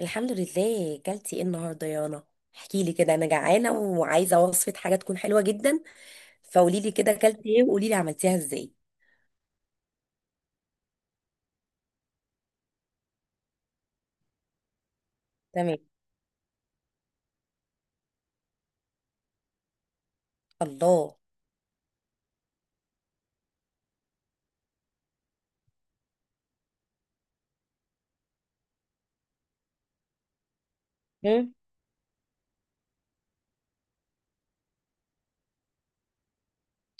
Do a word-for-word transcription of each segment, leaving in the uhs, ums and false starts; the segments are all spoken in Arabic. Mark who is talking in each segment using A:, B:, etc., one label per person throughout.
A: الحمد لله، كلتي ايه النهارده يا رنا؟ احكي لي كده، انا جعانه وعايزه وصفه حاجه تكون حلوه جدا. فقولي لي كده كلتي ايه، وقولي لي عملتيها ازاي. تمام. الله. مم.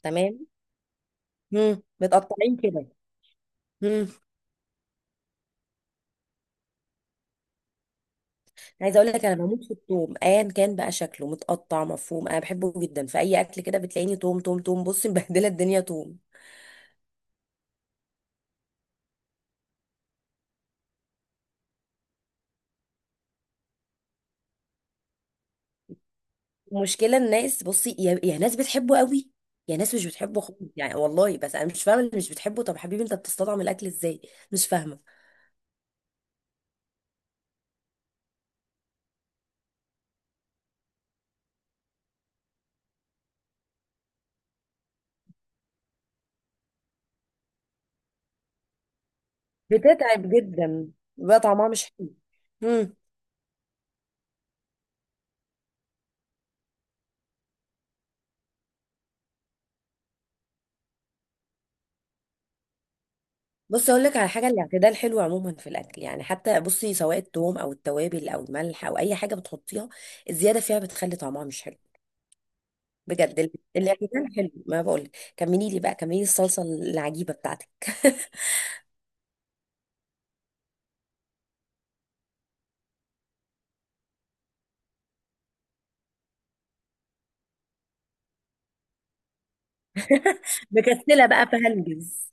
A: تمام. مم. متقطعين كده. مم. عايزه اقول لك انا بموت في التوم، ايا كان بقى شكله متقطع مفروم. انا بحبه جدا في اي اكل كده، بتلاقيني توم توم توم بصي مبهدله الدنيا توم. المشكله، الناس بصي، يا, يا ناس بتحبه قوي، يا ناس مش بتحبه خالص يعني والله. بس انا مش فاهمه اللي مش بتحبه. طب حبيبي، انت بتستطعم الاكل ازاي؟ مش فاهمه. بتتعب جدا. بيبقى طعمها مش حلو. امم. بص، اقول لك على حاجه، الاعتدال حلو عموما في الاكل يعني. حتى بصي، سواء التوم او التوابل او الملح او اي حاجه بتحطيها، الزياده فيها بتخلي طعمها مش حلو. بجد ال- الاعتدال حلو ما بقول. كملي لي بقى، كملي الصلصه العجيبه بتاعتك. مكسله بقى فهنجز.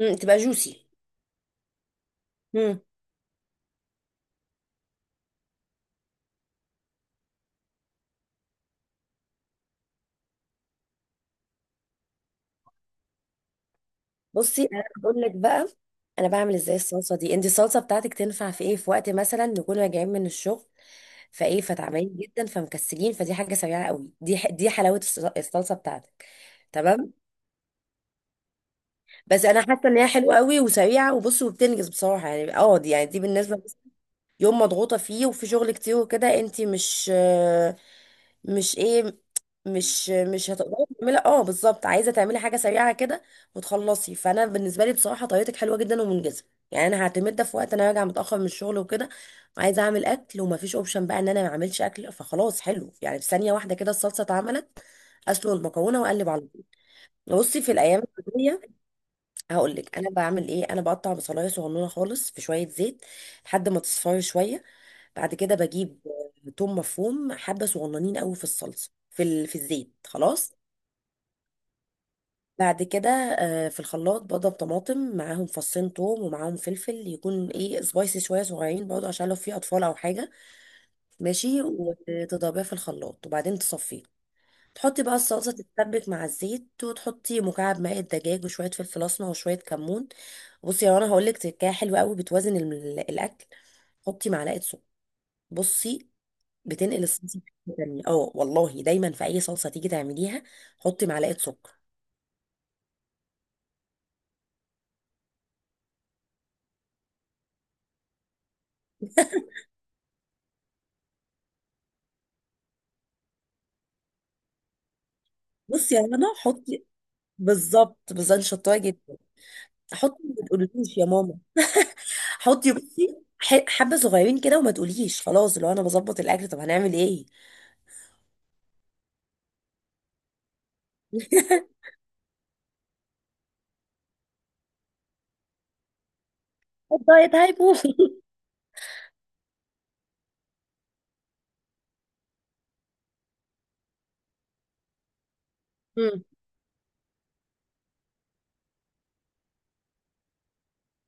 A: امم تبقى جوسي. امم. بصي، انا بقول لك بقى انا بعمل ازاي الصلصه دي. انت الصلصه بتاعتك تنفع في ايه؟ في وقت مثلا نكون راجعين من الشغل، فايه، فتعبانين جدا، فمكسلين، فدي حاجه سريعه قوي. دي ح- دي حلاوه الص- الصلصه بتاعتك. تمام. بس انا حاسه ان هي حلوه قوي وسريعه، وبص، وبتنجز بصراحه يعني. اه دي يعني دي بالنسبه يوم مضغوطة فيه وفي شغل كتير وكده، انتي مش، مش ايه، مش مش هتقدري تعملي. اه بالظبط، عايزة تعملي حاجة سريعة كده وتخلصي. فانا بالنسبة لي بصراحة طريقتك حلوة جدا ومنجزة. يعني انا هعتمد ده في وقت انا راجعة متأخر من الشغل وكده، وعايزة اعمل اكل، ومفيش اوبشن بقى ان انا ما اعملش اكل. فخلاص، حلو يعني، في ثانية واحدة كده الصلصة اتعملت. اسلق المكرونة واقلب على طول. بصي، في الايام العادية هقول لك انا بعمل ايه: انا بقطع بصلايه صغنونه خالص في شوية زيت لحد ما تصفر شوية. بعد كده بجيب توم مفروم، حبة صغننين قوي في الصلصة، في ال... في الزيت، خلاص. بعد كده آه، في الخلاط بضرب طماطم معاهم فصين توم، ومعاهم فلفل يكون ايه، سبايسي شوية، صغيرين برضه عشان لو في أطفال أو حاجة. ماشي، وتضربيها في الخلاط وبعدين تصفيه. تحطي بقى الصلصة تتسبك مع الزيت، وتحطي مكعب ماء الدجاج وشوية فلفل أسمر وشوية كمون. بصي يا رنا، هقولك تركاية حلوة قوي بتوازن ال- الأكل. حطي معلقة سكر. بصي، بتنقل الصلصه في حته تانية. اه والله، دايما في اي صلصه تيجي تعمليها حطي معلقه سكر. بصي يا رنا، حطي. بالظبط، بالظبط، شطايه جدا. حطي، ما تقوليش يا ماما. حطي بصي، ح- حبه صغيرين كده، وما تقوليش خلاص لو انا بظبط الاكل طب هنعمل ايه. الدايت هيبوظ.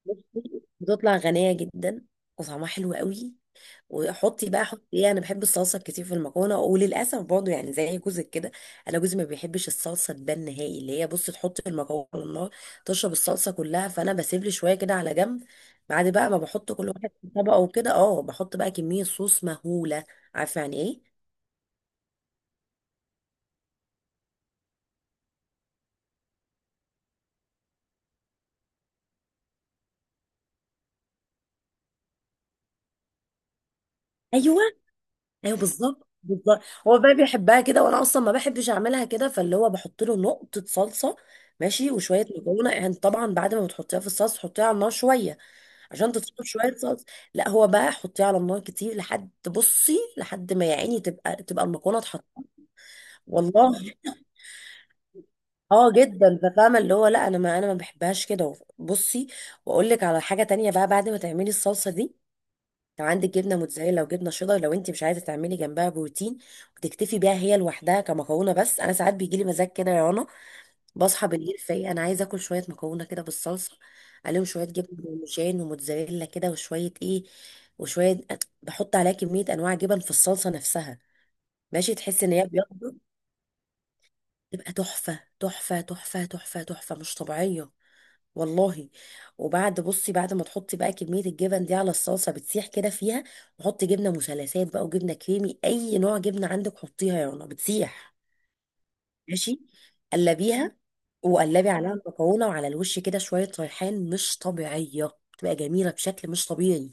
A: بصي، بتطلع غنية جدا وطعمها حلو قوي. وحطي بقى، حطي ايه، انا بحب الصلصه كتير في المكرونه وللاسف برضه يعني زي جوزك كده. انا جوزي ما بيحبش الصلصه تبان نهائي، اللي هي بصي تحطي المكرونه على النار تشرب الصلصه كلها، فانا بسيب لي شويه كده على جنب. بعد بقى ما بحط كل واحد في طبقه وكده، اه، بحط بقى كميه صوص مهوله. عارفه يعني ايه؟ ايوه. ايوه، بالظبط، بالظبط. هو بقى بيحبها كده، وانا اصلا ما بحبش اعملها كده، فاللي هو بحط له نقطه صلصه. ماشي، وشويه مكرونه، يعني طبعا بعد ما بتحطيها في الصلصه حطيها على النار شويه عشان تطلب شويه صلصه. لا هو بقى حطيها على النار كتير لحد بصي، لحد ما يا عيني تبقى تبقى المكرونه اتحط. والله. اه جدا. ففاهمه اللي هو لا، انا ما انا ما بحبهاش كده بصي. واقول لك على حاجه تانية بقى، بعد ما تعملي الصلصه دي، لو عندك جبنه موتزاريلا وجبنه شيدر، لو انت مش عايزه تعملي جنبها بروتين وتكتفي بيها هي لوحدها كمكرونه. بس انا ساعات بيجي لي مزاج كده يا رنا، بصحى بالليل فايقه، انا عايزه اكل شويه مكرونه كده بالصلصه، عليهم شويه جبنه بارميجان وموتزاريلا كده، وشويه ايه، وشويه. بحط عليها كميه انواع جبن في الصلصه نفسها، ماشي. تحس ان هي بيضه. تبقى تحفه تحفه تحفه تحفه تحفه، مش طبيعيه والله. وبعد بصي، بعد ما تحطي بقى كمية الجبن دي على الصلصة بتسيح كده فيها، وحطي جبنة مثلثات بقى وجبنة كريمي، أي نوع جبنة عندك حطيها يا رنا، بتسيح. ماشي، قلبيها، وقلبي عليها المكرونة. وعلى الوش كده شوية ريحان، مش طبيعية، بتبقى جميلة بشكل مش طبيعي.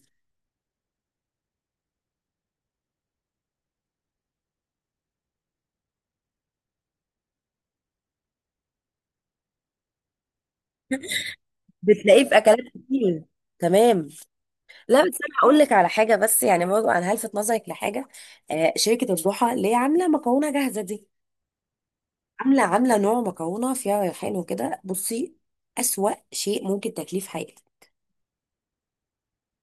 A: بتلاقيه في أكلات كتير. تمام. لا بس انا هقول لك على حاجه، بس يعني برضه انا هلفت نظرك لحاجه: آه شركه الضحى اللي هي عامله مكرونه جاهزه دي، عامله عامله نوع مكرونه فيها ريحان وكده. بصي، اسوأ شيء ممكن تاكليه في حياتك.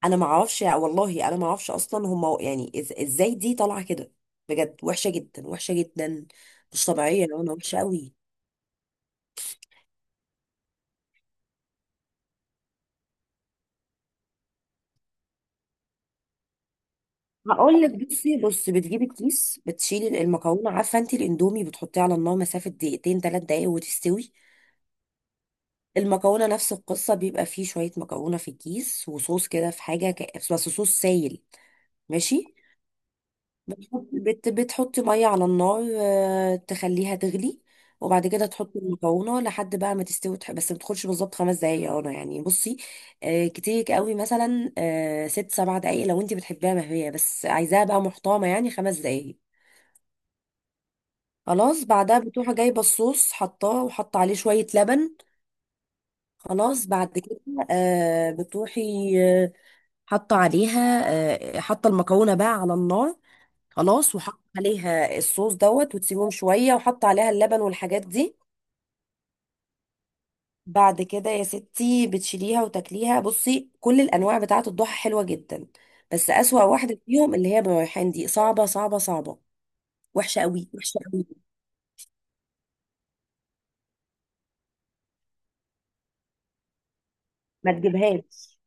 A: انا ما اعرفش والله، انا ما اعرفش اصلا هم يعني إز... ازاي دي طالعه كده. بجد، وحشه جدا، وحشه جدا. مش طبيعيه، انا وحشه قوي. هقول لك، بصي، بص، بتجيبي الكيس، بتشيلي المكرونه. عارفه انت الاندومي بتحطيه على النار مسافه دقيقتين ثلاث دقايق وتستوي؟ المكرونه نفس القصه. بيبقى فيه شويه مكرونه في الكيس وصوص كده في حاجه، ك... بس صوص سايل. ماشي، بت بتحطي ميه على النار، آه، تخليها تغلي. وبعد كده تحطي المكرونه لحد بقى ما تستوي، وتح- بس ما تدخلش بالظبط خمس دقايق يا رنا يعني. بصي، آه، كتير قوي مثلا آه، ست سبع دقايق لو انت بتحبيها مهويه، بس عايزاها بقى محترمه يعني خمس دقايق. خلاص، بعدها بتروح جايبه الصوص، حطاه، وحط عليه شويه لبن. خلاص، بعد كده آه، بتروحي آه، حاطه عليها، آه، حاطه المكرونه بقى على النار. خلاص، وحط عليها الصوص دوت، وتسيبهم شوية، وحط عليها اللبن والحاجات دي. بعد كده يا ستي بتشيليها وتاكليها. بصي، كل الأنواع بتاعة الضحى حلوة جدا، بس أسوأ واحدة فيهم اللي هي بالريحان دي، صعبة، صعبة، صعبة. وحشة قوي، وحشة قوي. ما تجيبهاش.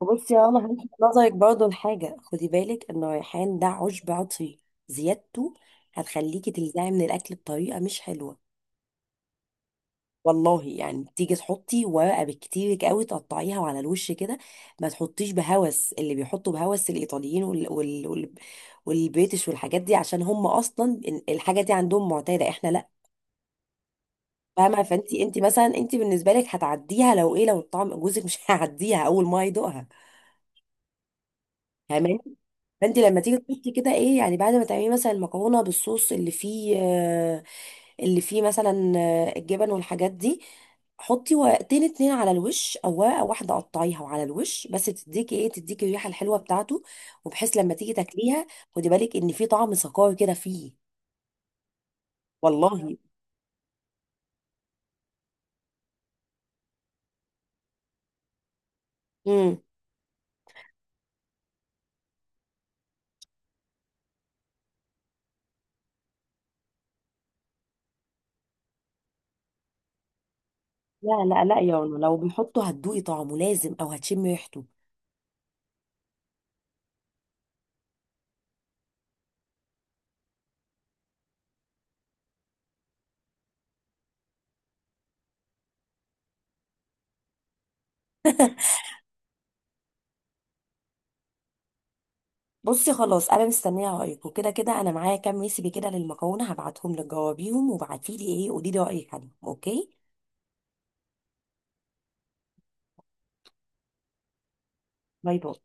A: وبصي يا رنا، هلفت نظرك برضه لحاجة: خدي بالك إن الريحان ده عشب عطري، زيادته هتخليكي تلزعي من الأكل بطريقة مش حلوة. والله. يعني تيجي تحطي ورقه بالكتير قوي، تقطعيها على الوش كده. ما تحطيش بهوس اللي بيحطوا بهوس، الايطاليين وال... وال... وال... والبريتش والحاجات دي، عشان هم اصلا ال- الحاجه دي عندهم معتاده، احنا لا. فاهمه، فانت، انت مثلا، انت بالنسبه لك هتعديها لو ايه، لو الطعم. جوزك مش هيعديها اول ما يدوقها. فاهماني. فانت لما تيجي تحطي كده ايه، يعني بعد ما تعملي مثلا المكرونه بالصوص اللي فيه آه، اللي فيه مثلا آه، الجبن والحاجات دي، حطي ورقتين اتنين على الوش او ورقه واحده قطعيها وعلى الوش بس، تديكي ايه، تديكي الريحه الحلوه بتاعته. وبحيث لما تيجي تاكليها خدي بالك ان في طعم سكر كده فيه. والله. امم. لا لا لا يا رنا، لو بيحطوا هتدوقي طعمه لازم، او هتشمي ريحته. بصي، خلاص، انا مستنيه رايك. وكده كده انا معايا كام ريسيبي كده للمكرونه، هبعتهم لك، جاوبيهم وبعتيلي ايه، قولي لي رايك عنهم، اوكي؟ باي باي.